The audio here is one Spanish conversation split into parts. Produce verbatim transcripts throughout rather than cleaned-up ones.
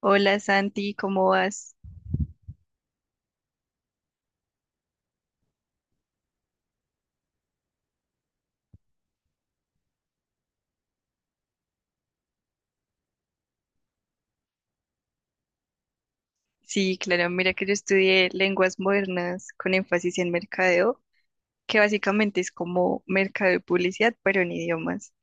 Hola Santi, ¿cómo vas? Sí, claro, mira que yo estudié lenguas modernas con énfasis en mercadeo, que básicamente es como mercado y publicidad, pero en idiomas.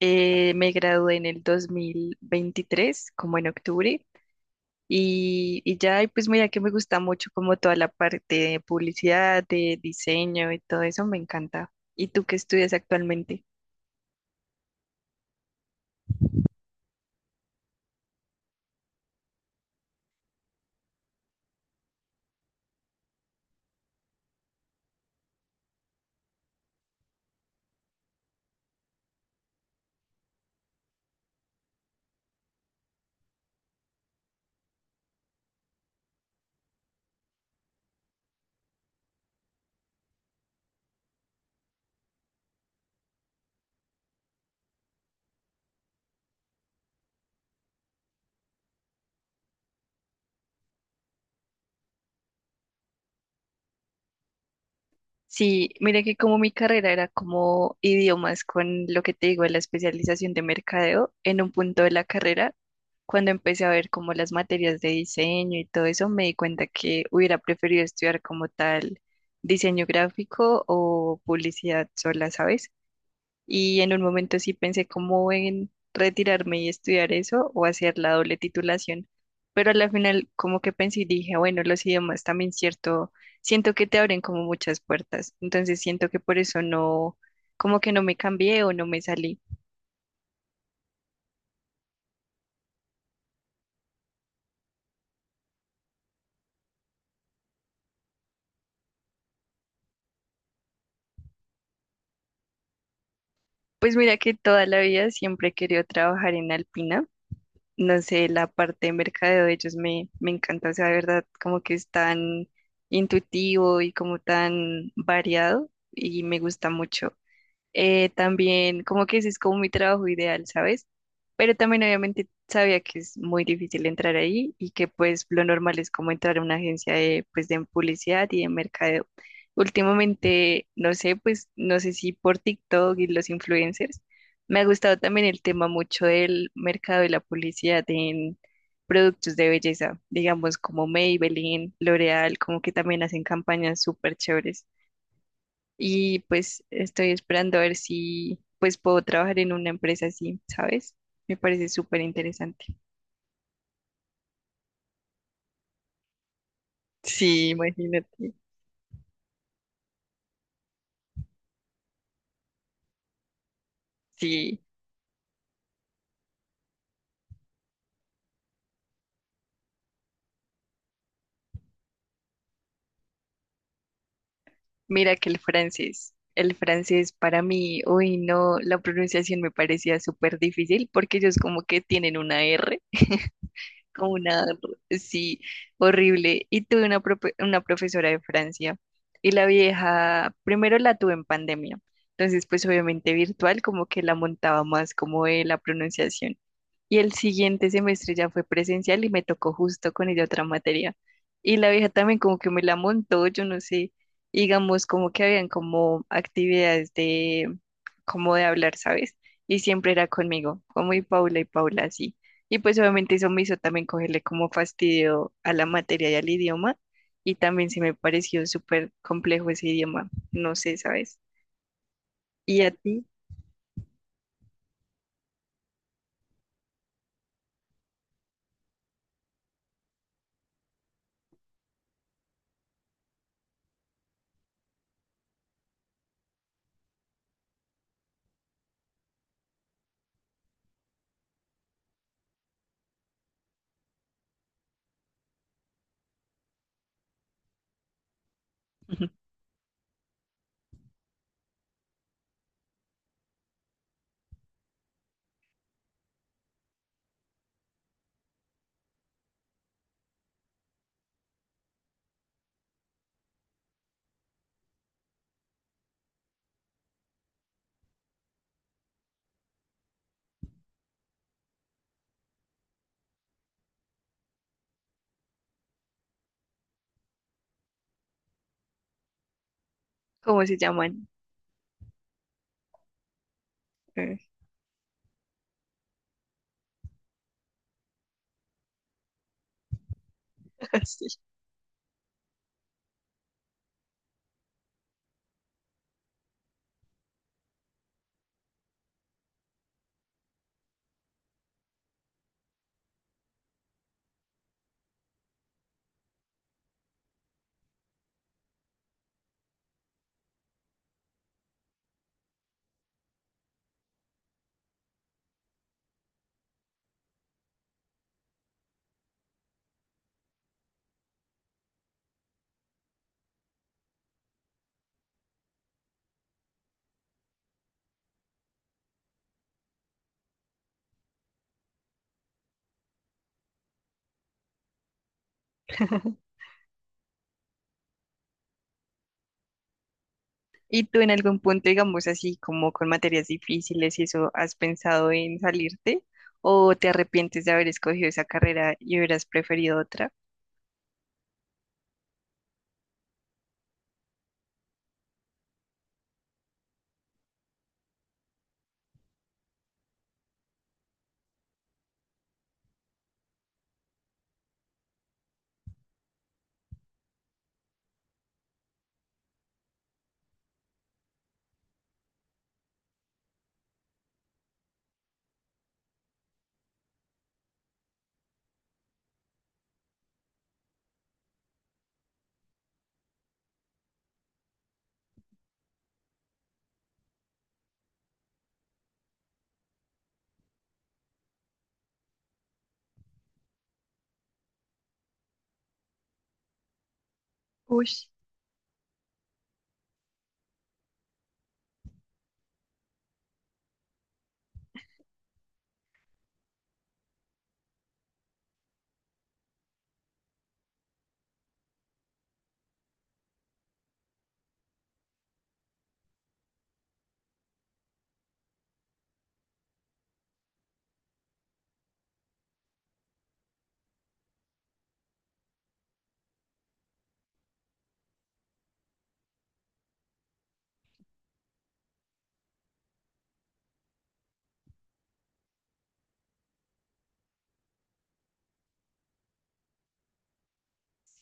Eh, me gradué en el dos mil veintitrés, como en octubre, y, y ya, y pues mira que me gusta mucho como toda la parte de publicidad, de diseño y todo eso, me encanta. ¿Y tú qué estudias actualmente? Sí, mira que como mi carrera era como idiomas con lo que te digo, la especialización de mercadeo, en un punto de la carrera, cuando empecé a ver como las materias de diseño y todo eso, me di cuenta que hubiera preferido estudiar como tal diseño gráfico o publicidad sola, ¿sabes? Y en un momento sí pensé como en retirarme y estudiar eso o hacer la doble titulación. Pero a la final como que pensé y dije, bueno, los idiomas también cierto, siento que te abren como muchas puertas. Entonces siento que por eso no, como que no me cambié o no me salí. Pues mira que toda la vida siempre he querido trabajar en Alpina. No sé, la parte de mercadeo de ellos me, me encanta. O sea, de verdad, como que es tan intuitivo y como tan variado y me gusta mucho. Eh, también como que ese es como mi trabajo ideal, ¿sabes? Pero también obviamente sabía que es muy difícil entrar ahí y que pues lo normal es como entrar a una agencia de, pues, de publicidad y de mercadeo. Últimamente, no sé, pues no sé si por TikTok y los influencers, me ha gustado también el tema mucho del mercado y la publicidad en productos de belleza, digamos como Maybelline, L'Oreal, como que también hacen campañas súper chéveres y pues estoy esperando a ver si pues puedo trabajar en una empresa así, ¿sabes? Me parece súper interesante. Sí, imagínate. Sí, mira que el francés, el francés para mí, uy, no, la pronunciación me parecía súper difícil porque ellos como que tienen una R como una, sí, horrible. Y tuve una, profe- una profesora de Francia y la vieja, primero la tuve en pandemia, entonces pues obviamente virtual como que la montaba más como de la pronunciación. Y el siguiente semestre ya fue presencial y me tocó justo con ella otra materia. Y la vieja también como que me la montó, yo no sé, digamos como que habían como actividades de, como de hablar, ¿sabes? Y siempre era conmigo, como y Paula y Paula así. Y pues obviamente eso me hizo también cogerle como fastidio a la materia y al idioma. Y también se me pareció súper complejo ese idioma, no sé, ¿sabes? ¿Y a ti? ¿Cómo se llaman? Eh, sí. ¿Y tú en algún punto, digamos así, como con materias difíciles y eso, has pensado en salirte o te arrepientes de haber escogido esa carrera y hubieras preferido otra? Uy,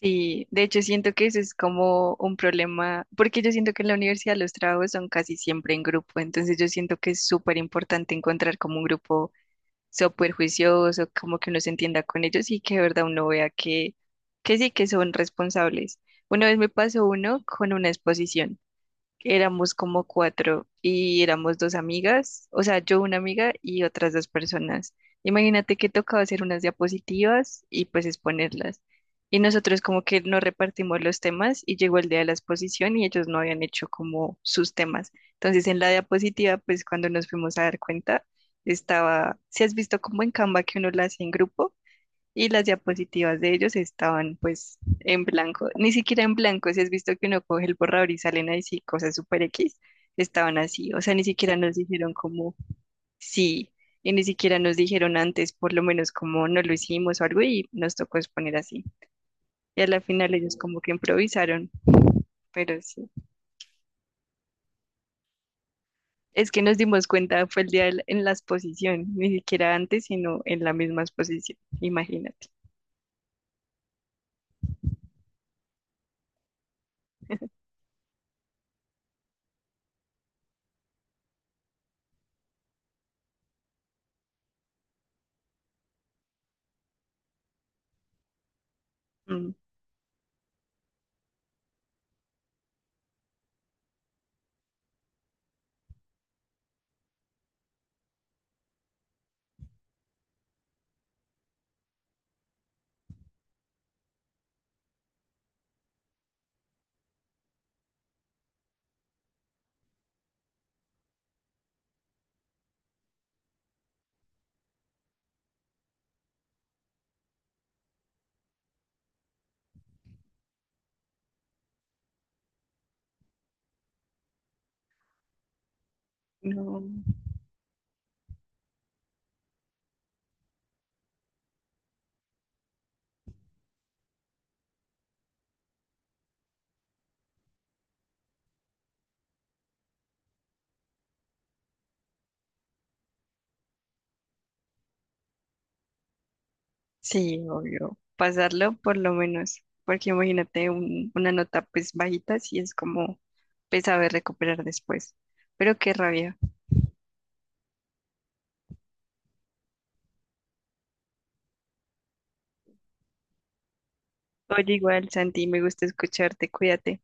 sí, de hecho siento que eso es como un problema, porque yo siento que en la universidad los trabajos son casi siempre en grupo, entonces yo siento que es súper importante encontrar como un grupo súper juicioso, como que uno se entienda con ellos y que de verdad uno vea que, que sí, que son responsables. Una vez me pasó uno con una exposición. Éramos como cuatro y éramos dos amigas, o sea, yo una amiga y otras dos personas. Imagínate que tocaba hacer unas diapositivas y pues exponerlas. Y nosotros como que nos repartimos los temas y llegó el día de la exposición y ellos no habían hecho como sus temas. Entonces en la diapositiva, pues cuando nos fuimos a dar cuenta, estaba, ¿si has visto como en Canva que uno la hace en grupo? Y las diapositivas de ellos estaban pues en blanco, ni siquiera en blanco, si has visto que uno coge el borrador y salen ahí sí cosas super X, estaban así, o sea, ni siquiera nos dijeron como sí, y ni siquiera nos dijeron antes, por lo menos como no lo hicimos o algo y nos tocó exponer así. Y a la final ellos como que improvisaron, pero sí. Es que nos dimos cuenta, fue el día del- en la exposición, ni siquiera antes, sino en la misma exposición, imagínate. Mm, no. Sí, obvio. Pasarlo por lo menos, porque imagínate un- una nota pues bajita, sí es como pues saber recuperar después. Pero qué rabia. Oye, igual, Santi, me gusta escucharte, cuídate.